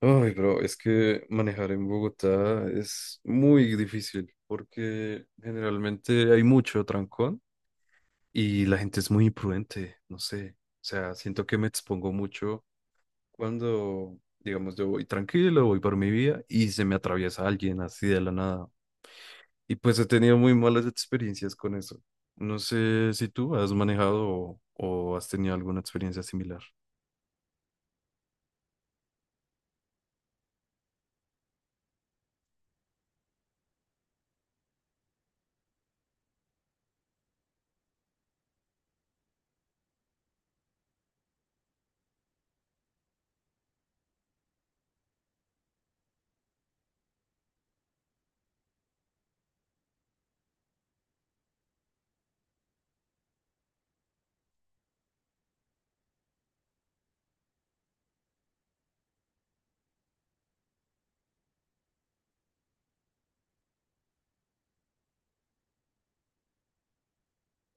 Ay, pero es que manejar en Bogotá es muy difícil porque generalmente hay mucho trancón y la gente es muy imprudente, no sé. O sea, siento que me expongo mucho cuando, digamos, yo voy tranquilo, voy por mi vía y se me atraviesa alguien así de la nada. Y pues he tenido muy malas experiencias con eso. No sé si tú has manejado o has tenido alguna experiencia similar.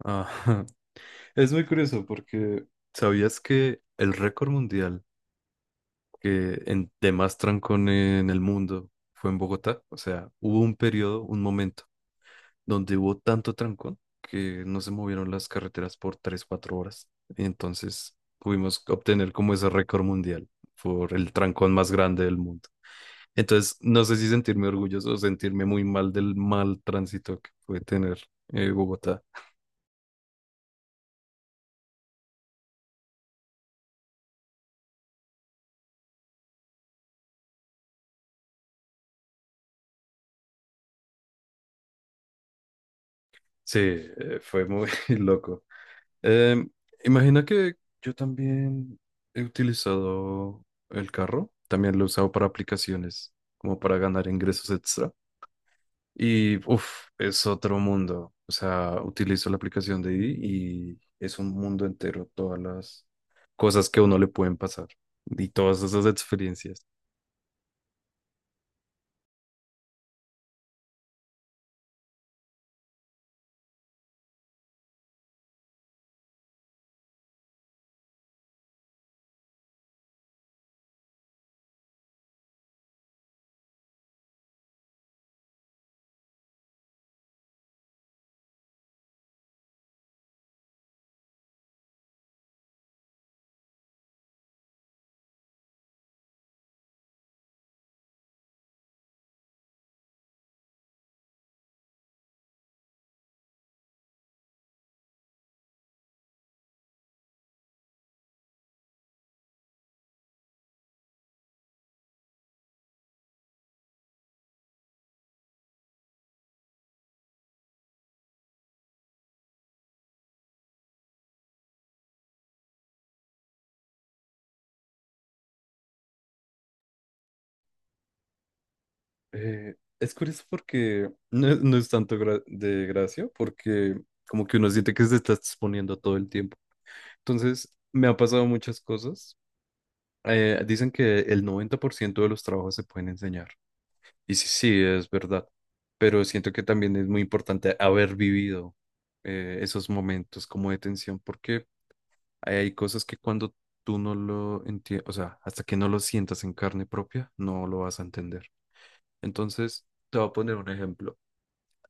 Ah, es muy curioso porque ¿sabías que el récord mundial de más trancón en el mundo fue en Bogotá? O sea, hubo un periodo, un momento, donde hubo tanto trancón que no se movieron las carreteras por 3 4 horas. Y entonces pudimos obtener como ese récord mundial por el trancón más grande del mundo. Entonces, no sé si sentirme orgulloso o sentirme muy mal del mal tránsito que puede tener Bogotá. Sí, fue muy loco. Em, Imagina que yo también he utilizado el carro, también lo he usado para aplicaciones, como para ganar ingresos extra. Y uff, es otro mundo. O sea, utilizo la aplicación de Didi y es un mundo entero, todas las cosas que a uno le pueden pasar y todas esas experiencias. Es curioso porque no, es no es tanto de gracia, porque como que uno siente que se está exponiendo todo el tiempo. Entonces, me ha pasado muchas cosas. Dicen que el 90% de los trabajos se pueden enseñar. Y sí, sí, es verdad. Pero siento que también es muy importante haber vivido esos momentos como de tensión, porque hay cosas que cuando tú no lo entiendes, o sea, hasta que no lo sientas en carne propia, no lo vas a entender. Entonces, te voy a poner un ejemplo.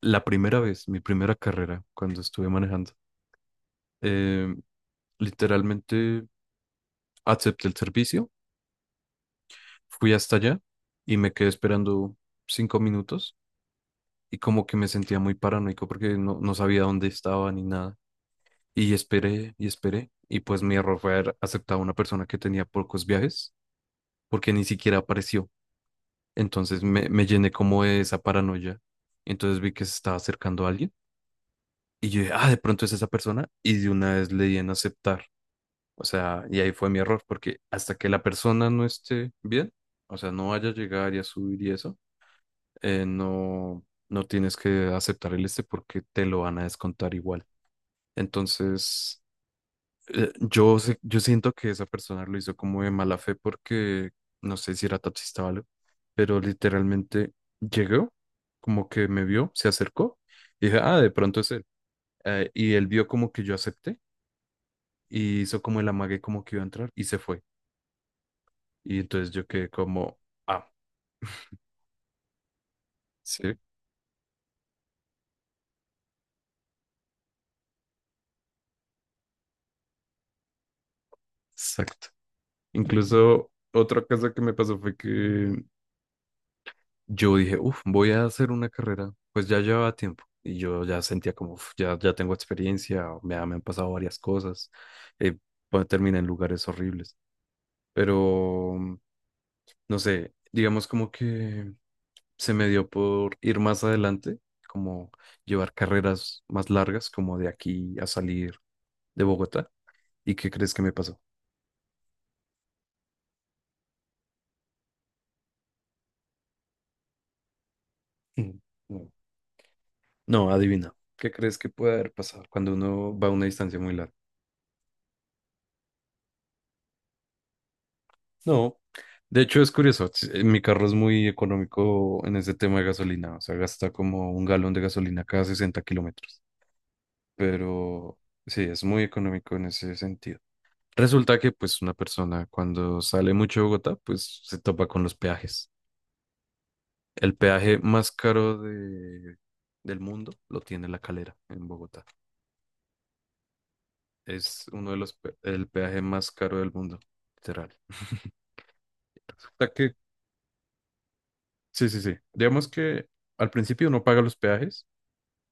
La primera vez, mi primera carrera, cuando estuve manejando, eh, literalmente acepté el servicio. Fui hasta allá y me quedé esperando 5 minutos y como que me sentía muy paranoico porque no, no sabía dónde estaba ni nada. Y esperé y esperé y pues mi error fue haber aceptado a una persona que tenía pocos viajes porque ni siquiera apareció. Entonces me llené como de esa paranoia. Entonces vi que se estaba acercando a alguien y yo dije, ah, de pronto es esa persona y de una vez le di en aceptar. O sea, y ahí fue mi error porque hasta que la persona no esté bien, o sea, no vaya a llegar y a subir y eso, no, no tienes que aceptar el este porque te lo van a descontar igual. Entonces, yo siento que esa persona lo hizo como de mala fe porque no sé si era taxista o algo, pero literalmente llegó, como que me vio, se acercó y dije, ah, de pronto es él. Y él vio como que yo acepté y hizo como el amague como que iba a entrar y se fue. Y entonces yo quedé como, ah, sí, exacto. Incluso otra cosa que me pasó fue que yo dije, uff, voy a hacer una carrera, pues ya llevaba tiempo y yo ya sentía como, "Uf, ya, ya tengo experiencia, o me han pasado varias cosas, eh, pues, terminé en lugares horribles, pero no sé, digamos como que se me dio por ir más adelante, como llevar carreras más largas, como de aquí a salir de Bogotá. ¿Y qué crees que me pasó? Mm, No, no, adivina, ¿qué crees que puede haber pasado cuando uno va a una distancia muy larga? No, de hecho es curioso, mi carro es muy económico en ese tema de gasolina, o sea, gasta como un galón de gasolina cada 60 kilómetros, pero sí, es muy económico en ese sentido. Resulta que pues una persona cuando sale mucho de Bogotá, pues se topa con los peajes. El peaje más caro del mundo lo tiene La Calera en Bogotá. Es uno de los, pe- El peaje más caro del mundo, literal. O sea que, sí, sí, sí. Digamos que al principio uno paga los peajes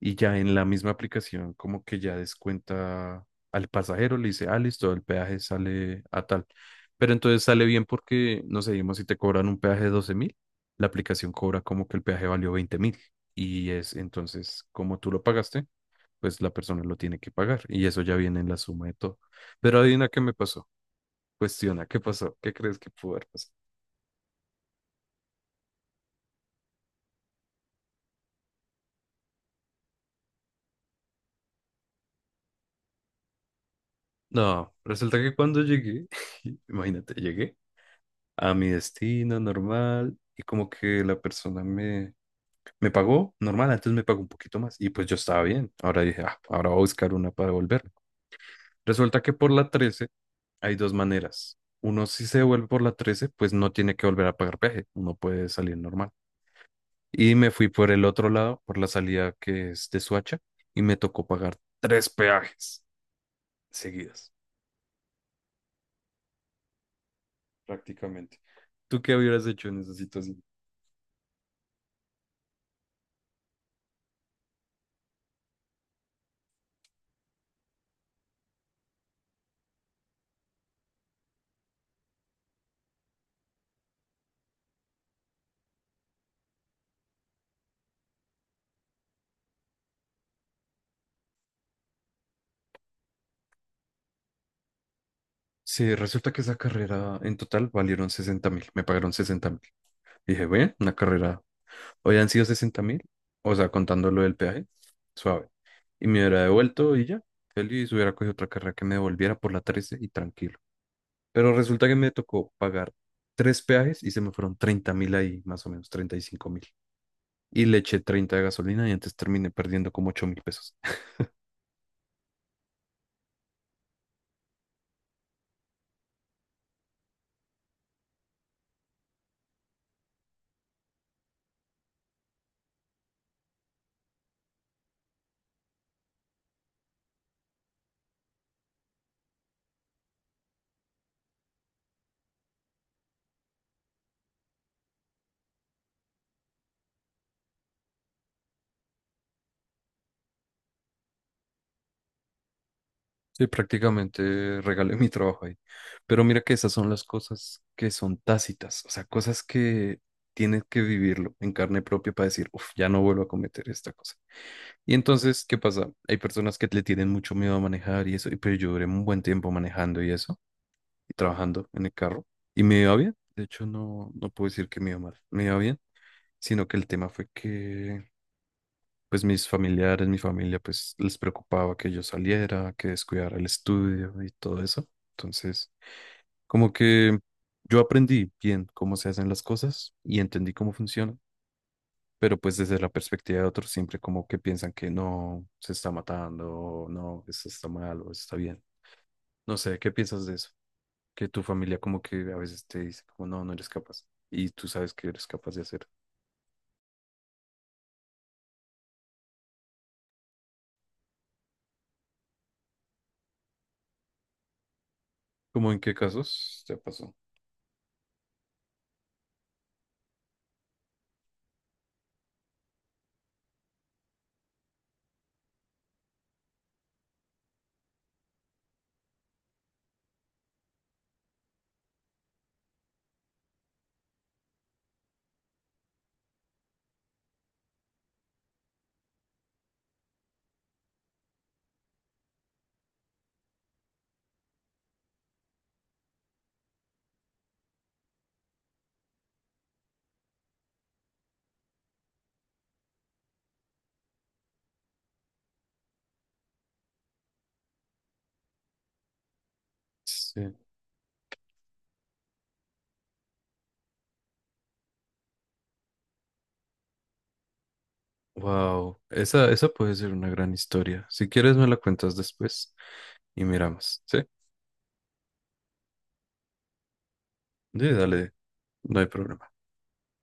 y ya en la misma aplicación como que ya descuenta al pasajero, le dice, ah, listo, el peaje sale a tal. Pero entonces sale bien porque, no sé, digamos, si te cobran un peaje de 12.000, la aplicación cobra como que el peaje valió 20.000. Y es entonces, como tú lo pagaste, pues la persona lo tiene que pagar. Y eso ya viene en la suma de todo. Pero adivina qué me pasó. Cuestiona, ¿qué pasó? ¿Qué crees que pudo haber pasado? No, resulta que cuando llegué, imagínate, llegué a mi destino normal y como que la persona me pagó normal, antes me pagó un poquito más y pues yo estaba bien. Ahora dije, ah, ahora voy a buscar una para devolverme. Resulta que por la 13 hay dos maneras. Uno, si se devuelve por la 13, pues no tiene que volver a pagar peaje, uno puede salir normal. Y me fui por el otro lado, por la salida que es de Suacha, y me tocó pagar tres peajes seguidas, prácticamente. ¿Tú qué hubieras hecho en esa situación? Sí, resulta que esa carrera en total valieron 60.000, me pagaron 60.000. Dije, bueno, una carrera, hoy han sido 60.000, o sea, contando lo del peaje, suave. Y me hubiera devuelto y ya, feliz, hubiera cogido otra carrera que me devolviera por la 13 y tranquilo. Pero resulta que me tocó pagar tres peajes y se me fueron 30.000 ahí, más o menos, 35.000. Y le eché 30 de gasolina y antes terminé perdiendo como 8.000 pesos. Sí, prácticamente regalé mi trabajo ahí. Pero mira que esas son las cosas que son tácitas, o sea, cosas que tienes que vivirlo en carne propia para decir, uff, ya no vuelvo a cometer esta cosa. Y entonces, ¿qué pasa? Hay personas que le tienen mucho miedo a manejar y eso, y pero yo duré un buen tiempo manejando y eso, y trabajando en el carro, y me iba bien. De hecho, no, no puedo decir que me iba mal, me iba bien, sino que el tema fue que pues mis familiares, mi familia, pues les preocupaba que yo saliera, que descuidara el estudio y todo eso. Entonces, como que yo aprendí bien cómo se hacen las cosas y entendí cómo funcionan, pero pues desde la perspectiva de otros siempre como que piensan que no, se está matando, o no, eso está mal o eso está bien. No sé, ¿qué piensas de eso? Que tu familia como que a veces te dice como no, no eres capaz y tú sabes que eres capaz de hacer. ¿Cómo en qué casos te pasó? Sí. Wow, esa puede ser una gran historia. Si quieres me la cuentas después y miramos, ¿sí? Sí, dale, no hay problema.